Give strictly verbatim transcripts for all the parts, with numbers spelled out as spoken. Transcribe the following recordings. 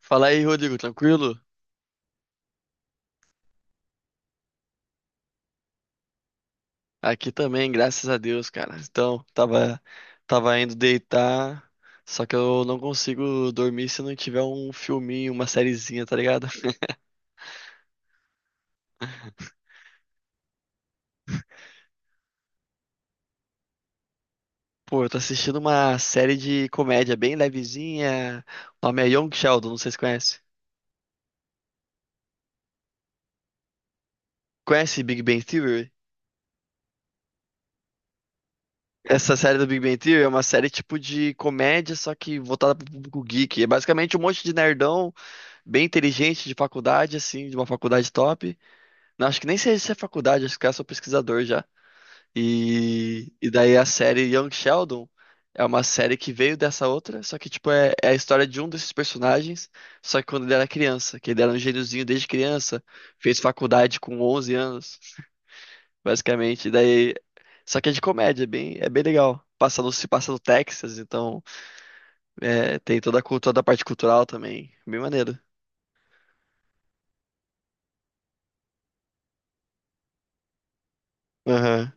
Fala aí, Rodrigo, tranquilo? Aqui também, graças a Deus, cara. Então, tava, tava indo deitar, só que eu não consigo dormir se não tiver um filminho, uma sériezinha, tá ligado? Pô, eu tô assistindo uma série de comédia bem levezinha. O nome é Young Sheldon, não sei se conhece. Conhece Big Bang Theory? Essa série do Big Bang Theory é uma série tipo de comédia, só que voltada pro público geek. É basicamente um monte de nerdão bem inteligente de faculdade, assim, de uma faculdade top. Não, acho que nem sei se é faculdade, acho que é só pesquisador já. E, e daí a série Young Sheldon é uma série que veio dessa outra, só que tipo é, é a história de um desses personagens, só que quando ele era criança, que ele era um gêniozinho desde criança, fez faculdade com onze anos, basicamente. E daí, só que é de comédia, é bem, é bem legal. Passa no, se passa no Texas, então é, tem toda a cultura, toda a parte cultural também, bem maneiro. Aham.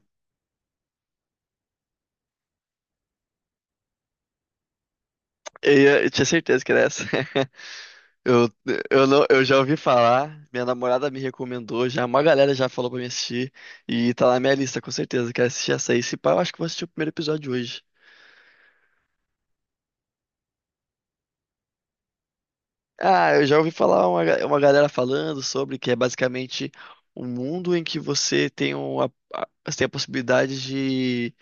Eu, ia- eu tinha certeza que era essa. Eu, eu, não, eu já ouvi falar, minha namorada me recomendou, já uma galera já falou pra me assistir, e tá na minha lista, com certeza. Quero assistir essa aí. Se pá, eu acho que vou assistir o primeiro episódio hoje. Ah, eu já ouvi falar uma, ga- uma galera falando sobre que é basicamente um mundo em que você tem, uma, a- você tem a possibilidade de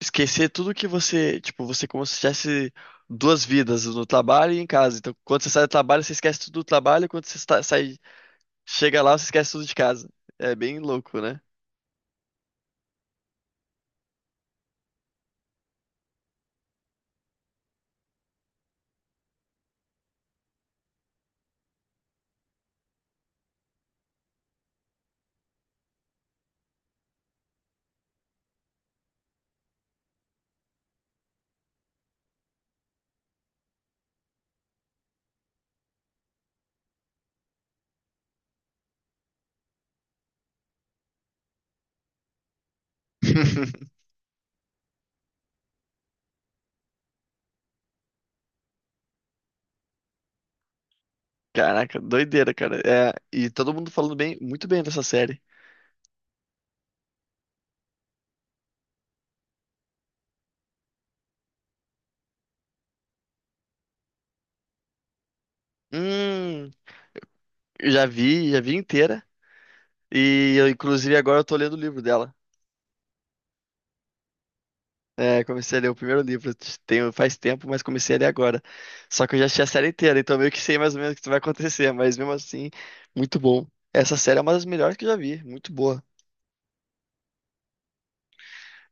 esquecer tudo que você. Tipo, você é como se tivesse duas vidas, no trabalho e em casa. Então, quando você sai do trabalho, você esquece tudo do trabalho, quando você sa- sai, chega lá, você esquece tudo de casa. É bem louco, né? Caraca, doideira, cara. É, e todo mundo falando bem, muito bem dessa série. Hum, já vi, já vi inteira. E eu, inclusive, agora eu tô lendo o livro dela. É, comecei a ler o primeiro livro, tem faz tempo, mas comecei a ler agora. Só que eu já assisti a série inteira, então meio que sei mais ou menos o que vai acontecer, mas mesmo assim, muito bom. Essa série é uma das melhores que eu já vi, muito boa.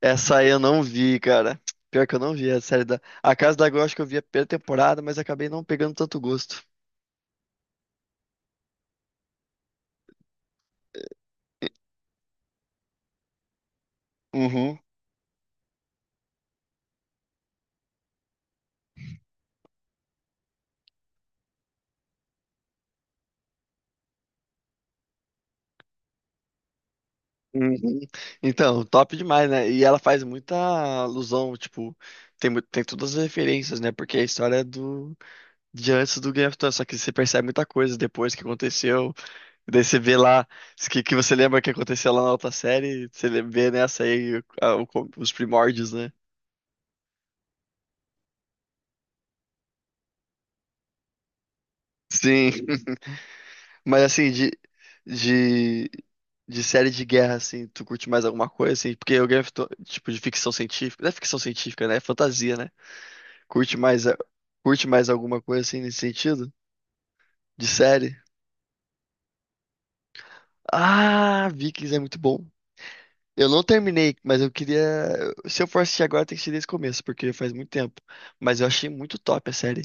Essa aí eu não vi, cara. Pior que eu não vi a série da. A Casa da Gol, acho que eu vi a primeira temporada, mas acabei não pegando tanto gosto. Uhum. Uhum. Então, top demais, né? E ela faz muita alusão, tipo, tem, mu- tem todas as referências, né? Porque a história é do de antes do Game of Thrones, só que você percebe muita coisa depois que aconteceu, e daí você vê lá que, que você lembra que aconteceu lá na outra série, você lê- vê nessa aí o- a- o com- os primórdios, né? Sim. Mas assim, de, de, de série de guerra, assim, tu curte mais alguma coisa, assim? Porque o Game of Thrones, tipo, de ficção científica, não é ficção científica, né? É fantasia, né? Curte mais, a- curte mais alguma coisa assim nesse sentido? De série? Ah, Vikings é muito bom. Eu não terminei, mas eu queria. Se eu for assistir agora, tem que ser desde o começo, porque faz muito tempo. Mas eu achei muito top a série.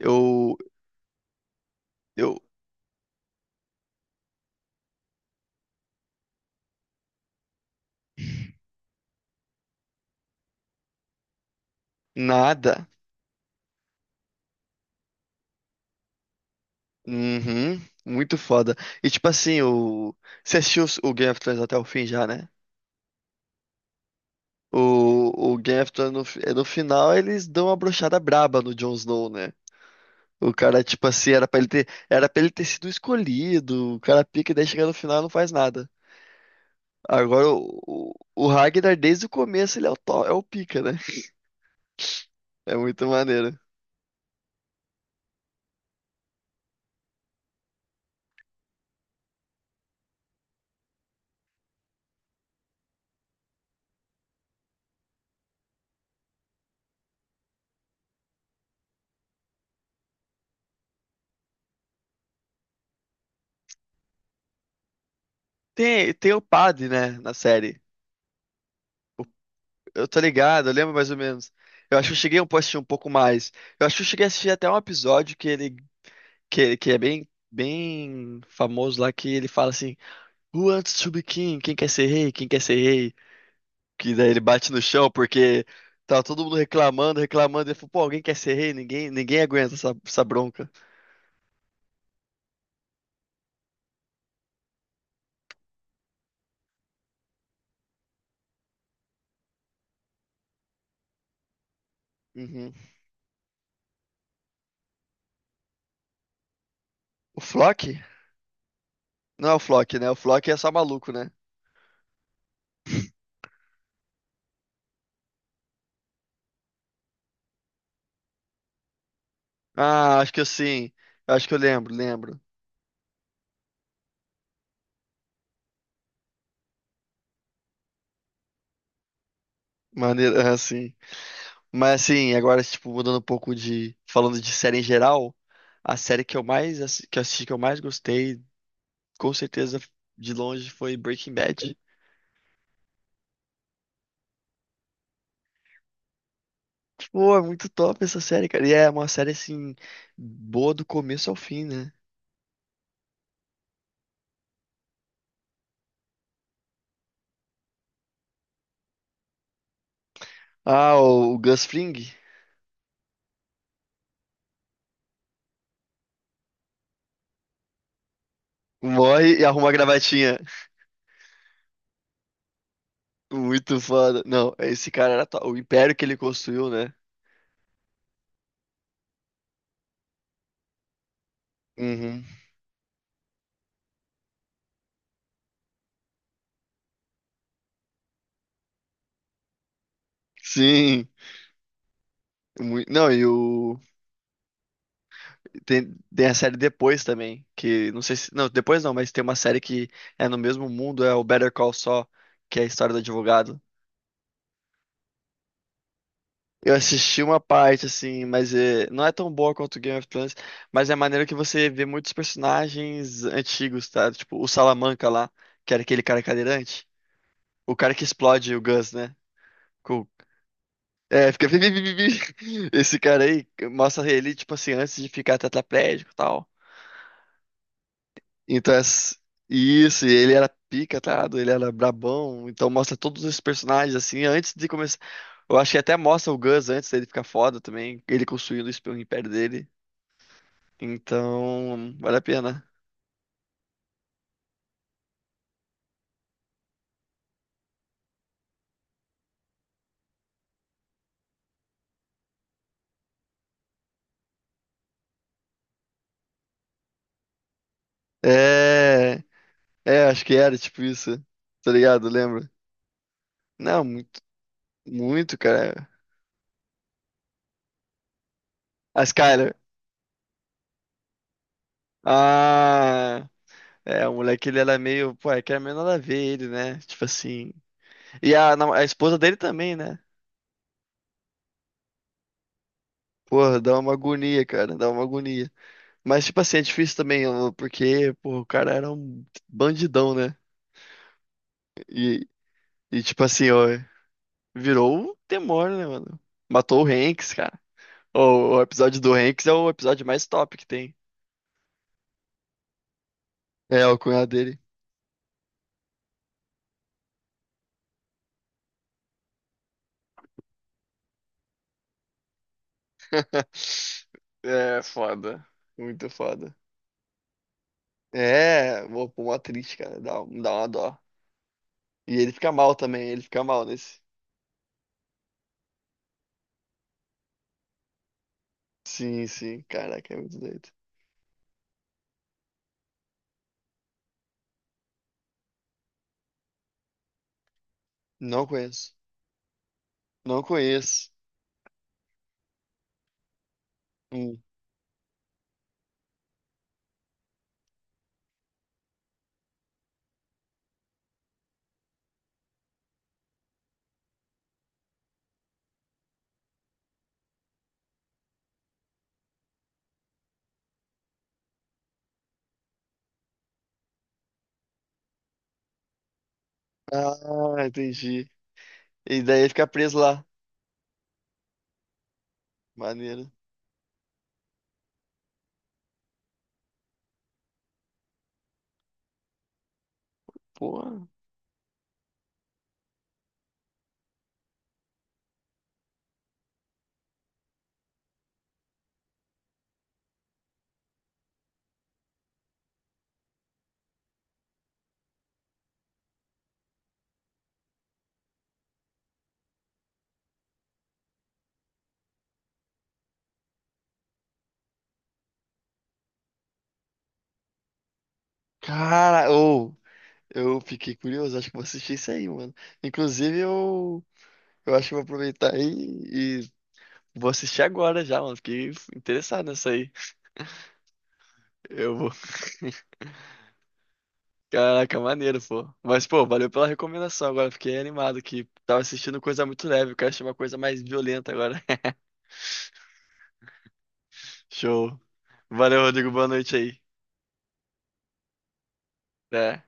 Eu. Eu. Nada. Uhum. Muito foda. E tipo assim, o. Você assistiu os- o Game of Thrones até o fim já, né? O, o Game of Thrones, no, fi- no final, eles dão uma brochada braba no Jon Snow, né? O cara, tipo assim, era pra ele ter, era pra ele ter sido escolhido. O cara pica e daí chega no final e não faz nada. Agora o, o, o Ragnar, desde o começo, ele é o, to- é o pica, né? É muito maneiro. Tem, tem o padre, né, na série. Eu tô ligado, eu lembro mais ou menos. Eu acho que eu cheguei a assistir um pouco mais. Eu acho que eu cheguei a assistir até um episódio que ele, que, que é bem, bem famoso lá, que ele fala assim: Who wants to be king? Quem quer ser rei? Quem quer ser rei? Que daí ele bate no chão porque tava todo mundo reclamando, reclamando. Ele falou, pô, alguém quer ser rei? Ninguém, ninguém aguenta essa, essa bronca. Uhum. O Flock? Não é o Flock, né? O Flock é só maluco, né? Ah, acho que assim. Acho que eu lembro, lembro. Maneiro, assim. Mas assim, agora, tipo, mudando um pouco de. Falando de série em geral, a série que eu mais assi- que eu assisti, que eu mais gostei, com certeza, de longe, foi Breaking Bad. Pô, é muito top essa série, cara. E é uma série, assim, boa do começo ao fim, né? Ah, o, o Gus Fring morre e arruma a gravatinha. Muito foda. Não, esse cara era to- o império que ele construiu, né? Uhum. Sim. Mui- Não, e o. Tem, tem a série depois também. Que não sei se. Não, depois não, mas tem uma série que é no mesmo mundo, é o Better Call Saul, que é a história do advogado. Eu assisti uma parte, assim, mas é, não é tão boa quanto Game of Thrones, mas é maneiro que você vê muitos personagens antigos, tá? Tipo, o Salamanca lá, que era aquele cara cadeirante. O cara que explode o Gus, né? Cool. É, fica. vi, vi, vi, vi, vi. Esse cara aí mostra ele, tipo assim, antes de ficar tetraplégico e tal. Então, ess- isso, e ele era pica, tá ligado? Ele era brabão. Então, mostra todos os personagens, assim, antes de começar. Eu acho que até mostra o Gus antes dele ficar foda também. Ele construindo o esp- o império dele. Então, vale a pena. É. É, acho que era tipo isso. Tá ligado? Lembra? Não, muito, muito, cara. A Skyler. Ah. É, o moleque, ele era meio, pô, é que era meio nada a ver ele, né? Tipo assim. E a, nam- a esposa dele também, né? Pô, dá uma agonia, cara, dá uma agonia. Mas, tipo assim, é difícil também, ó, porque, pô, o cara era um bandidão, né? E, e tipo assim, ó, virou o demônio, né, mano? Matou o Hanks, cara. O, o episódio do Hanks é o episódio mais top que tem. É, o cunhado dele. É, foda. Muito foda. É, pô, mó triste, cara. Dá, um, dá uma dó. E ele fica mal também, ele fica mal nesse. Sim, sim, caraca, é muito doido. Não conheço. Não conheço. Hum. Ah, entendi. E daí ele fica preso lá. Maneiro. Pô. Cara, ou eu fiquei curioso, acho que vou assistir isso aí, mano. Inclusive, eu, eu acho que vou aproveitar aí e vou assistir agora já, mano. Fiquei interessado nessa aí. Eu vou. Caraca, maneiro, pô. Mas, pô, valeu pela recomendação agora. Fiquei animado que tava assistindo coisa muito leve. Eu quero assistir uma coisa mais violenta agora. Show. Valeu, Rodrigo. Boa noite aí. Até.